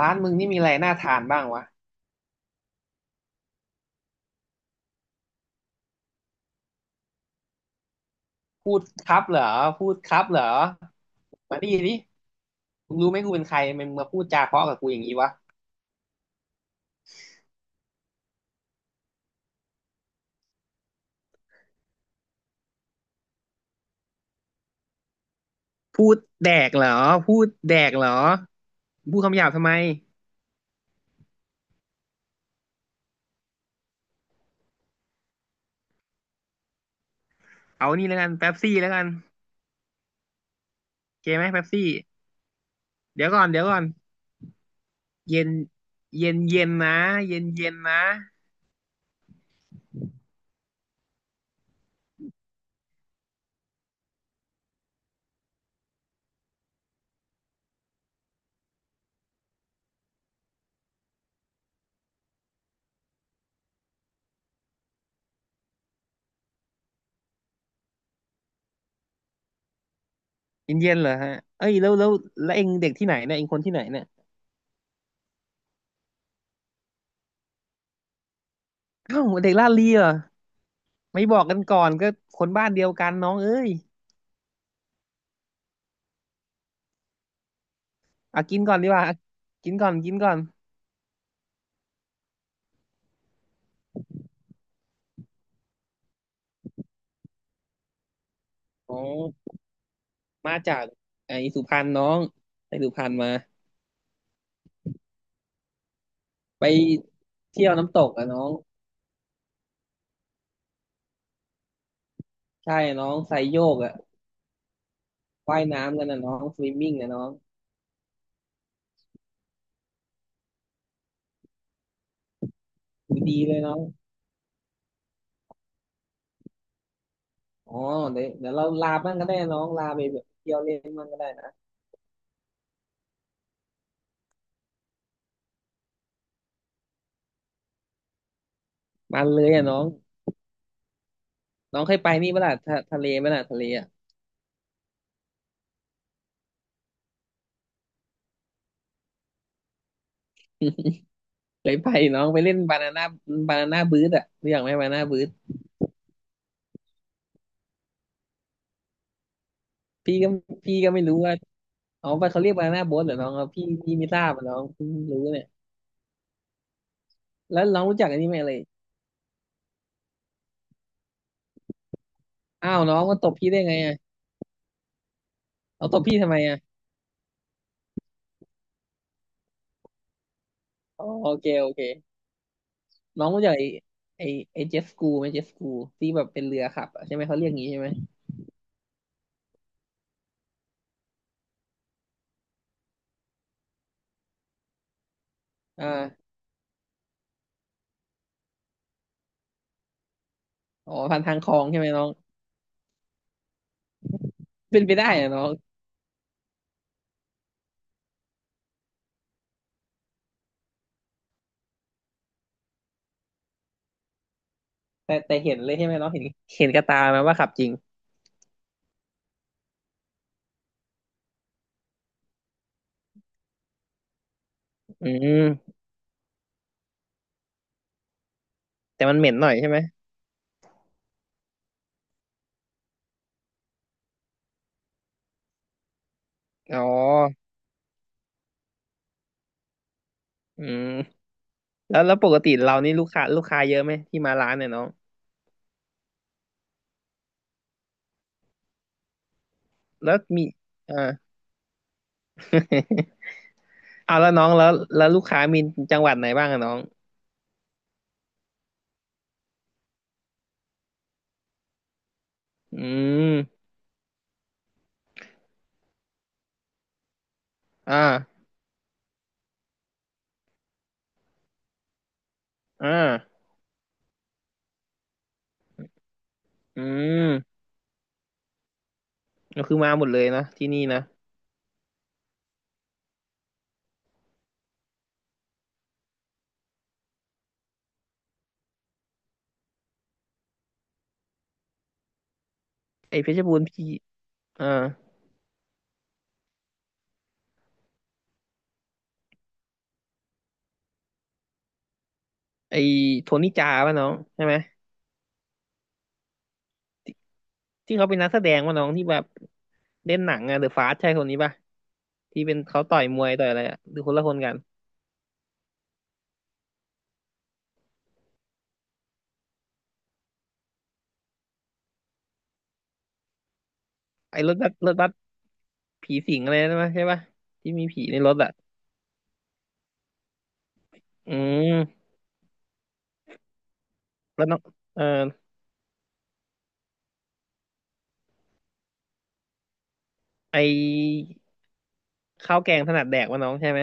ร้านมึงนี่มีอะไรน่าทานบ้างวะพูดครับเหรอพูดครับเหรอมาดิดิมึงรู้ไหมกูเป็นใครมึงมาพูดจาเพราะกับกูอย่างนี้วะพูดแดกเหรอพูดแดกเหรอพูดคำหยาบทำไมเอานี่แล้วกันเป๊ปซี่แล้วกันโอเคไหมเป๊ปซี่เดี๋ยวก่อนเดี๋ยวก่อนเย็นเย็นเย็นนะเย็นเย็นนะเย็นเย็นเหรอฮะเอ้ยแล้วเองเด็กที่ไหนเนี่ยเองคนที่ไหนเนี่ยอ้าวเด็กลาดเลียเหรอไม่บอกกันก่อนก็คนบ้านเดียวกันน้องเอ้ย อ่ะกินก่อนดีกว่าอ่ะกินก่อนกินก่อนอ๋อมาจากไอ้สุพรรณน้องไปสุพรรณมา ไปเที่ยวน้ำตกอะน้องใช่น้องไซโยกอะว่ายน้ำกันนะน้องสวิมมิ่งอะน้องดีเลยน้องอ๋อเดี๋ยวเดี๋ยวเราลาบ้างก็ได้น้องลาไปแบบเที่ยวเล่นบ้างก็ได้นะมาเลยอะน้อง น้องเคยไปนี่ปะล่ะทะเลปะล่ะทะเลอะเคยไปน้องไปเล่นบานาน่าบานาน่าบูทอะรู้จักไหมบานาน่าบูทพี่ก็พี่ก็ไม่รู้ว่า อ๋อไปเขาเรียกบานาน่าโบ๊ทเหรอน้องครับพี่พี่ไม่ทราบอะน้องเพิ่งรู้เนี่ยแล้วน้องรู้จักอันนี้ไหมเลยอ้าวน้องมาตบพี่ได้ไงอ่ะเอาตบพี่ทำไมอ่ะอ๋อโอเคโอเคน้องรู้จักไอ้ไอ้เจฟกูไหมเจฟกูที่แบบเป็นเรือขับอะใช่ไหมเขาเรียกงี้ใช่ไหมอ่าอ๋อผ่านทางคลองใช่ไหมน้องเป็นไปได้อะน้องแต่เห็นเลยใช่ไหมน้องเห็นเห็นกระตาไหมว่าขับจริงอืมแต่มันเหม็นหน่อยใช่ไหมอ๋ออืมแล้วปกติเรานี่ลูกค้าเยอะไหมที่มาร้านเนี่ยน้องแล้วมีอ่า เอาแล้วน้องแล้วลูกค้ามีจังหวัดไหนบ้างอะน้องอืมอ่าอ่าอืมก็คือมาหมดเลยนะที่นี่นะไอ้เพชรบูรณ์พี่อ่าไอ้โทนี่จาป่ะน้องใช่ไหมที่เขาเป็นนักแสดงป่ะน้องที่แบบเล่นหนังอะเดอะฟาสใช่คนนี้ป่ะที่เป็นเขาต่อยมวยต่อยอะไรอะหรือคนละคนกันไอ้รถบัสรถบัสผีสิงอะไรนะใช่ป่ะที่มีผีในรถอะอืมแล้วน้องเออไอ้ข้าวแกงถนัดแดกป่ะน้องใช่ไหม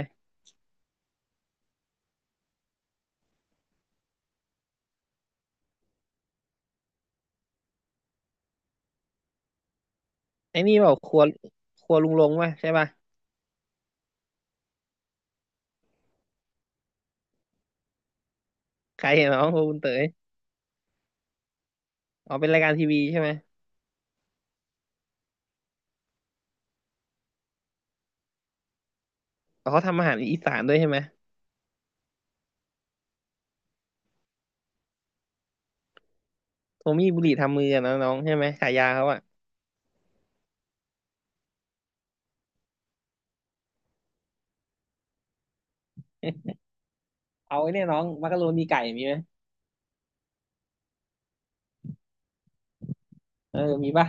ไอ้นี่บอกครัวครัวลุงลงป่ะใช่ป่ะใครเห็นน้องครัวคุณเต๋ยอ๋อเป็นรายการทีวีใช่ไหมอ๋อเขาทำอาหารอีสานด้วยใช่ไหมโทมี่บุหรี่ทำมืออะนะน้องใช่ไหมฉายาเขาอะเอาไอ้เนี่ยน้องมักกะโรนีไก่มีไหมเออมีป่ะ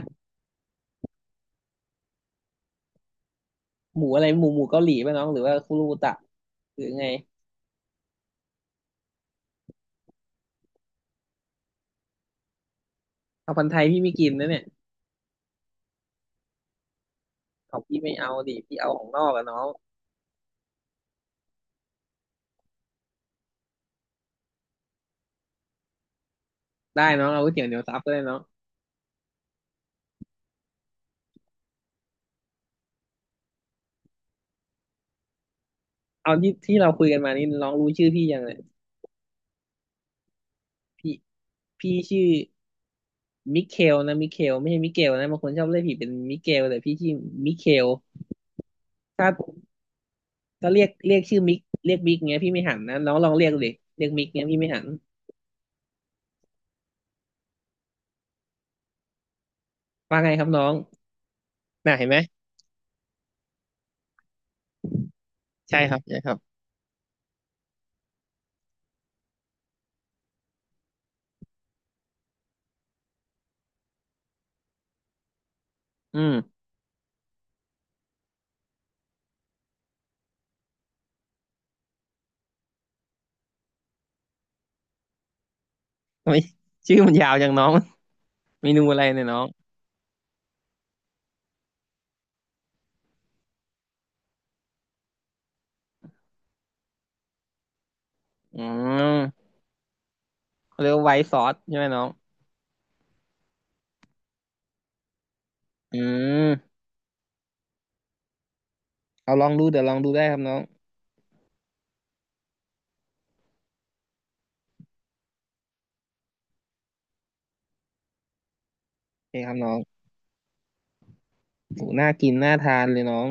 หมูอะไรหมูหมูเกาหลีป่ะน้องหรือว่าคุรูตะหรือไงเอาพันธุ์ไทยพี่ไม่กินนะเนี่ยของพี่ไม่เอาดิพี่เอาของนอกอะน้องได้น้องเอาก๋วยเตี๋ยวเหนียวซับก็ได้น้องเอาที่ที่เราคุยกันมานี่น้องรู้ชื่อพี่ยังเนี่ยพี่พี่ชื่อ มิเคลนะมิเคลไม่ใช่มิเกลนะบางคนชอบเรียกผิดเป็นมิเกลแต่พี่ชื่อมิเคลถ้าถ้าเรียกชื่อมิกเรียกมิกเงี้ยพี่ไม่หันนะน้องลองเรียกดิเรียกมิกเงี้ยพี่ไม่หันว่าไงครับน้องน่ะเห็นไหมใช่ครับใช่ครับอืมทำไมชื่อมันยาวจังน้องเมนูอะไรเนี่ยน้องอืมเขาเรียกว่าไวท์ซอสใช่ไหมน้องอืมเอาลองดูเดี๋ยวลองดูได้ครับน้องโอเคครับน้องโหน่ากินน่าทานเลยน้อง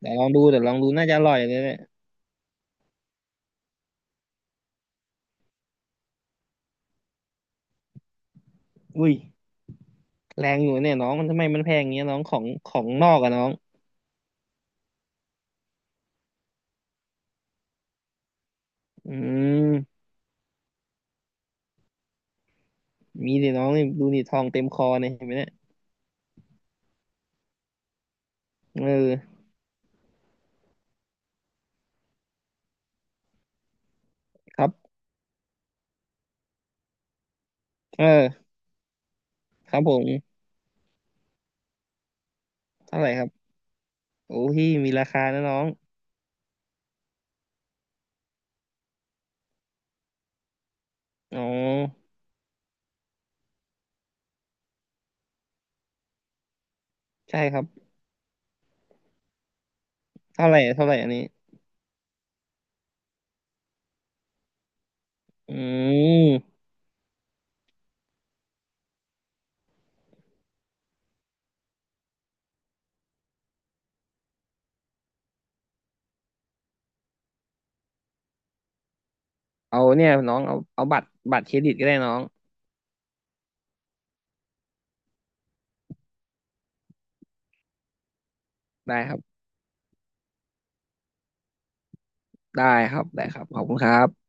เดี๋ยวลองดูเดี๋ยวลองดูน่าจะอร่อยเลยเนี่ยอุ้ย แรงอยู่เนี่ยน้องมันทำไมมันแพงอย่างเงี้ยน้องของนอกอะน้องอืมมีดิน้องนี่ดูดิทองเต็มคอเนี่ยเห็นไหมเนี่ยเออครับเออครับผมเท่าไหร่ครับโอ้พี่มีราคานะน้องอ๋อใช่ครับเท่าไหร่เท่าไหร่อันนี้อืมเอาเนี่ยน้องเอาเอาบัตรเครดิตก็ได้น้องได้ครับได้ครับได้ครับขอบคุณครับ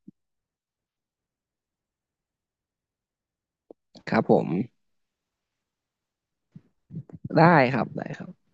ครับผมได้ครับได้ครับ